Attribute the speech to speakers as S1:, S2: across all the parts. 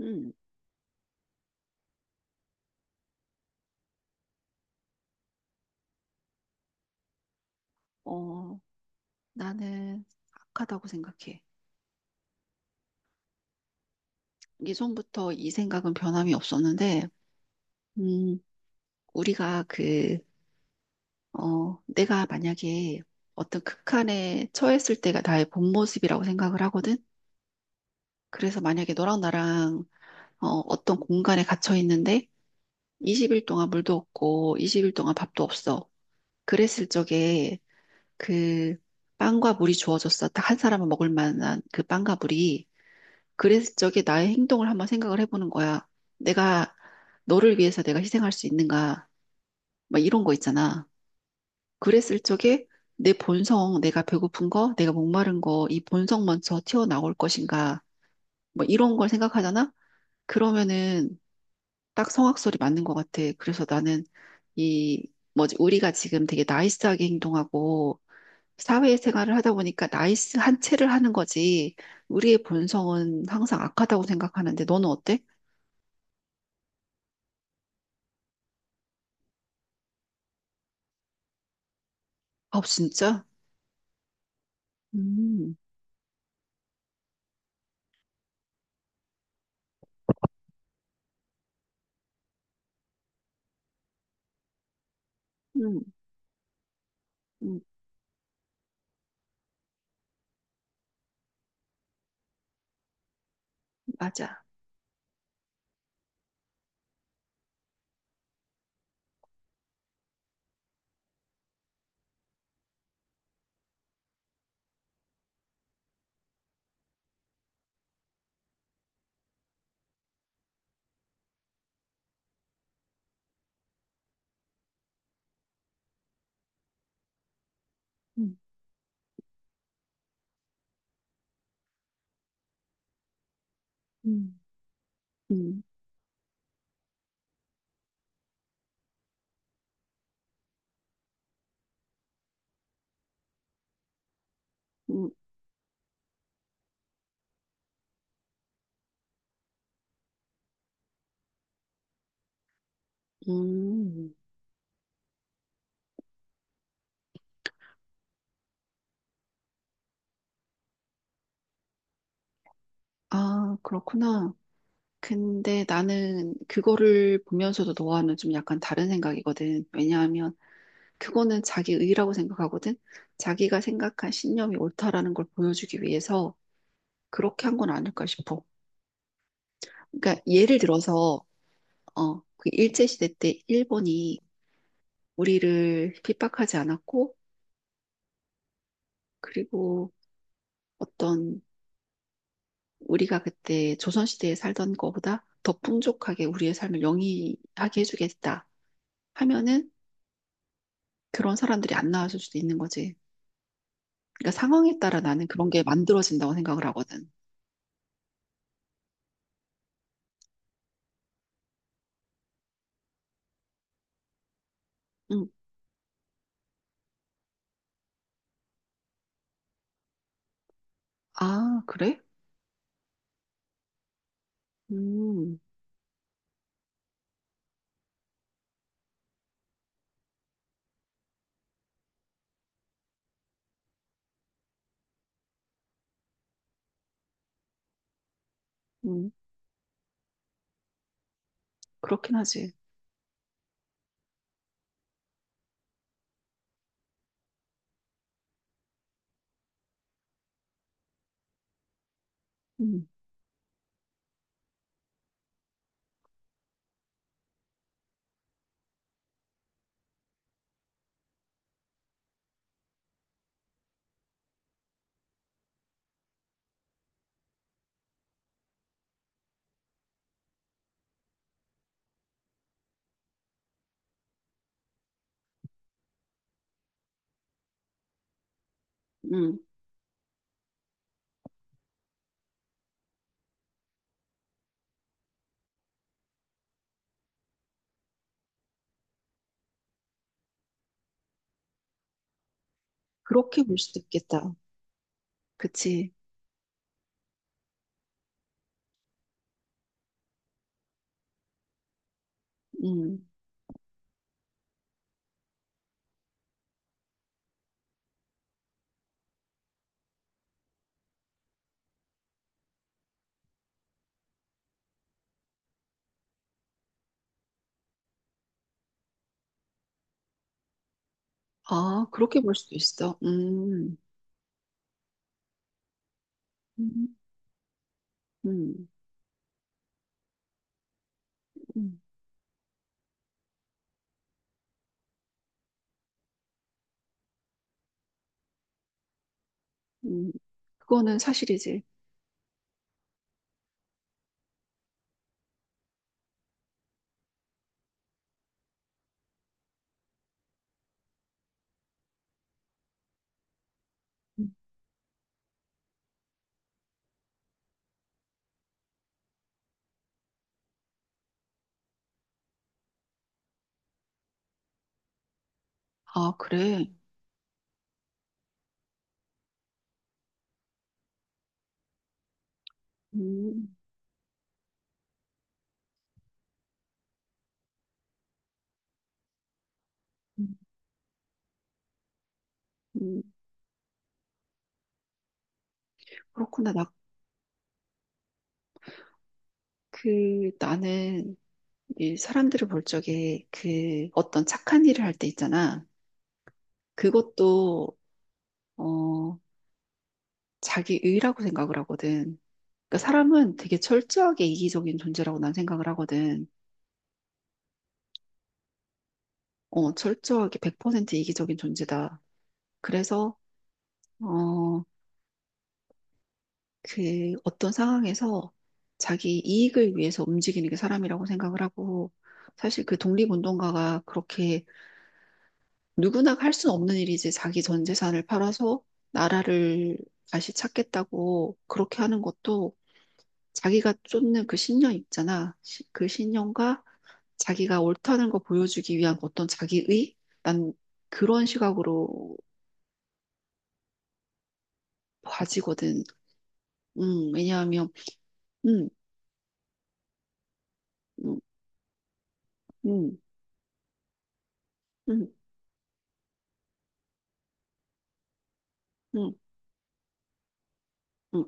S1: 음, 어, 나는 악하다고 생각해. 예전부터 이 생각은 변함이 없었는데, 음, 우리가 내가 만약에 어떤 극한에 처했을 때가 나의 본 모습이라고 생각을 하거든? 그래서 만약에 너랑 나랑 어떤 공간에 갇혀 있는데, 20일 동안 물도 없고, 20일 동안 밥도 없어. 그랬을 적에 그 빵과 물이 주어졌어. 딱 한 사람은 먹을 만한 그 빵과 물이. 그래서 저게 나의 행동을 한번 생각을 해보는 거야. 내가 너를 위해서 내가 희생할 수 있는가? 막 이런 거 있잖아. 그랬을 적에 내 본성, 내가 배고픈 거, 내가 목마른 거, 이 본성 먼저 튀어나올 것인가? 뭐 이런 걸 생각하잖아? 그러면은 딱 성악설이 맞는 것 같아. 그래서 나는 이 뭐지 우리가 지금 되게 나이스하게 행동하고 사회생활을 하다 보니까 나이스한 채를 하는 거지. 우리의 본성은 항상 악하다고 생각하는데 너는 어때? 아, 진짜? 음, 음, 음, 맞아. 음, 음, 음, 음, 음. 아, 그렇구나. 근데 나는 그거를 보면서도 너와는 좀 약간 다른 생각이거든. 왜냐하면 그거는 자기 의라고 생각하거든. 자기가 생각한 신념이 옳다라는 걸 보여주기 위해서 그렇게 한 건 아닐까 싶어. 그러니까 예를 들어서, 그 일제시대 때 일본이 우리를 핍박하지 않았고, 그리고 어떤 우리가 그때 조선시대에 살던 거보다 더 풍족하게 우리의 삶을 영위하게 해주겠다 하면은 그런 사람들이 안 나왔을 수도 있는 거지. 그러니까 상황에 따라 나는 그런 게 만들어진다고 생각을 하거든. 응. 아, 그래? 음, 음, 그렇긴 하지. 음, 음, 그렇게 볼 수도 있겠다. 그치? 음, 아, 그렇게 볼 수도 있어. 음, 음, 음, 음. 그거는 사실이지. 음. 아, 그래? 음, 음. 음. 그렇구나. 나, 그, 나는 이 사람들을 볼 적에 그 어떤 착한 일을 할 때 있잖아. 그것도, 어, 자기 의라고 생각을 하거든. 그러니까 사람은 되게 철저하게 이기적인 존재라고 난 생각을 하거든. 철저하게 100% 이기적인 존재다. 그래서, 어, 그 어떤 상황에서 자기 이익을 위해서 움직이는 게 사람이라고 생각을 하고, 사실 그 독립운동가가 그렇게 누구나 할 수 없는 일이지. 자기 전 재산을 팔아서 나라를 다시 찾겠다고 그렇게 하는 것도 자기가 쫓는 그 신념 있잖아. 그 신념과 자기가 옳다는 거 보여주기 위한 어떤 자기의? 난 그런 시각으로 봐지거든. 왜냐하면, 음, 음, 음, 음, 음, 음,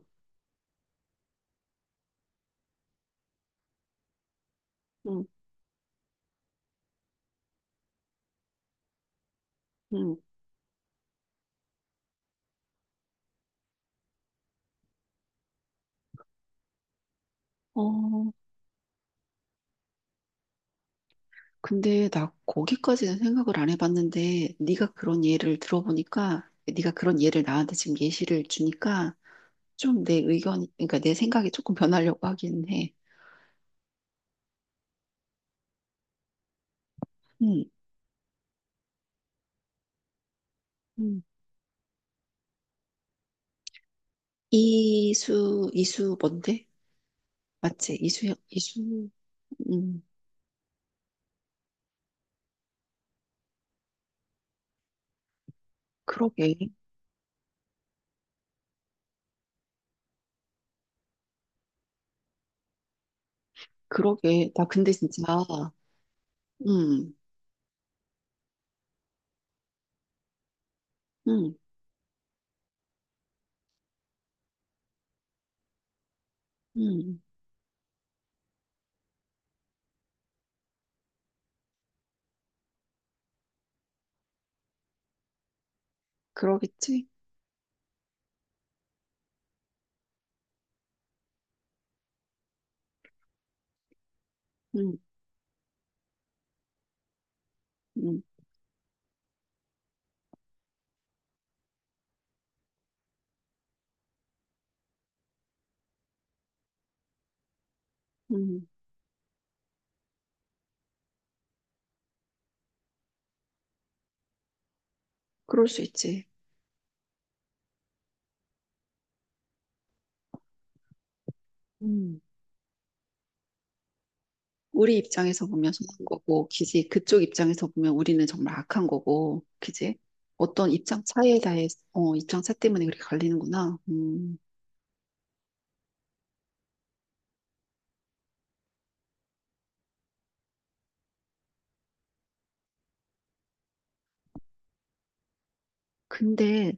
S1: 음, 음. 어, 근데 나 거기까지는 생각을 안 해봤는데 네가 그런 예를 들어보니까 네가 그런 예를 나한테 지금 예시를 주니까 좀 내 의견, 그러니까 내 생각이 조금 변하려고 하긴 해. 음. 음. 이수, 이수 뭔데? 맞지? 이수, 이수, 음, 그러게, 그러게. 나 근데 진짜, 음, 음, 음, 그러겠지? 음, 음, 음, 그럴 수 있지. 음. 우리 입장에서 보면 선한 거고, 그지? 그쪽 입장에서 보면 우리는 정말 악한 거고, 그지? 어떤 입장 차이에 대해, 입장 차 때문에 그렇게 갈리는구나. 근데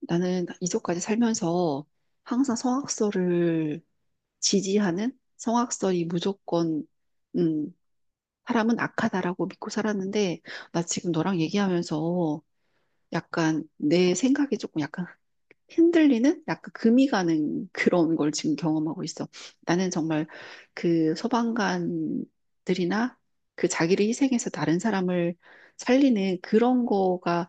S1: 나는 이제까지 살면서 항상 성악설을 지지하는 성악설이 무조건, 음, 사람은 악하다라고 믿고 살았는데, 나 지금 너랑 얘기하면서 약간 내 생각이 조금 약간 흔들리는 약간 금이 가는 그런 걸 지금 경험하고 있어. 나는 정말 그 소방관들이나 그 자기를 희생해서 다른 사람을 살리는 그런 거가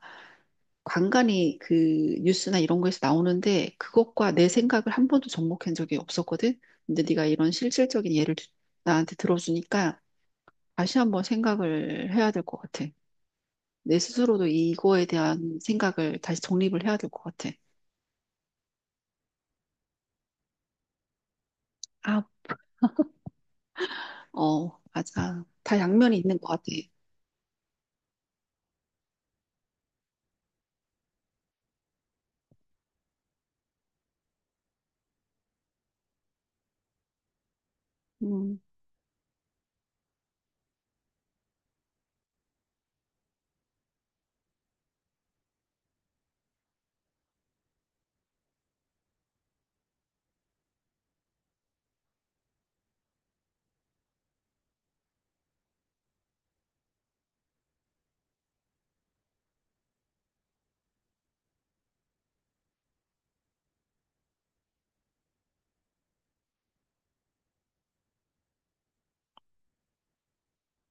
S1: 간간이 그 뉴스나 이런 거에서 나오는데 그것과 내 생각을 한 번도 접목한 적이 없었거든. 근데 네가 이런 실질적인 예를 나한테 들어주니까 다시 한번 생각을 해야 될 것 같아. 내 스스로도 이거에 대한 생각을 다시 정립을 해야 될 것 같아. 아, 맞아. 다 양면이 있는 것 같아. 음,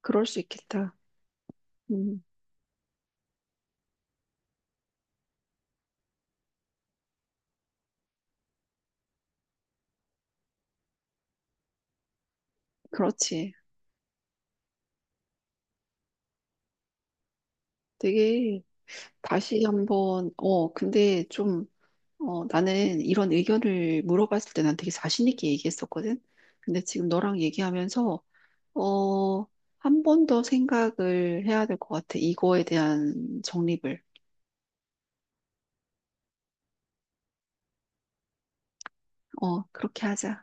S1: 그럴 수 있겠다. 음, 그렇지. 되게 다시 한번, 근데 좀, 나는 이런 의견을 물어봤을 때 난 되게 자신 있게 얘기했었거든. 근데 지금 너랑 얘기하면서, 어, 한 번 더 생각을 해야 될 것 같아. 이거에 대한 정립을. 어, 그렇게 하자.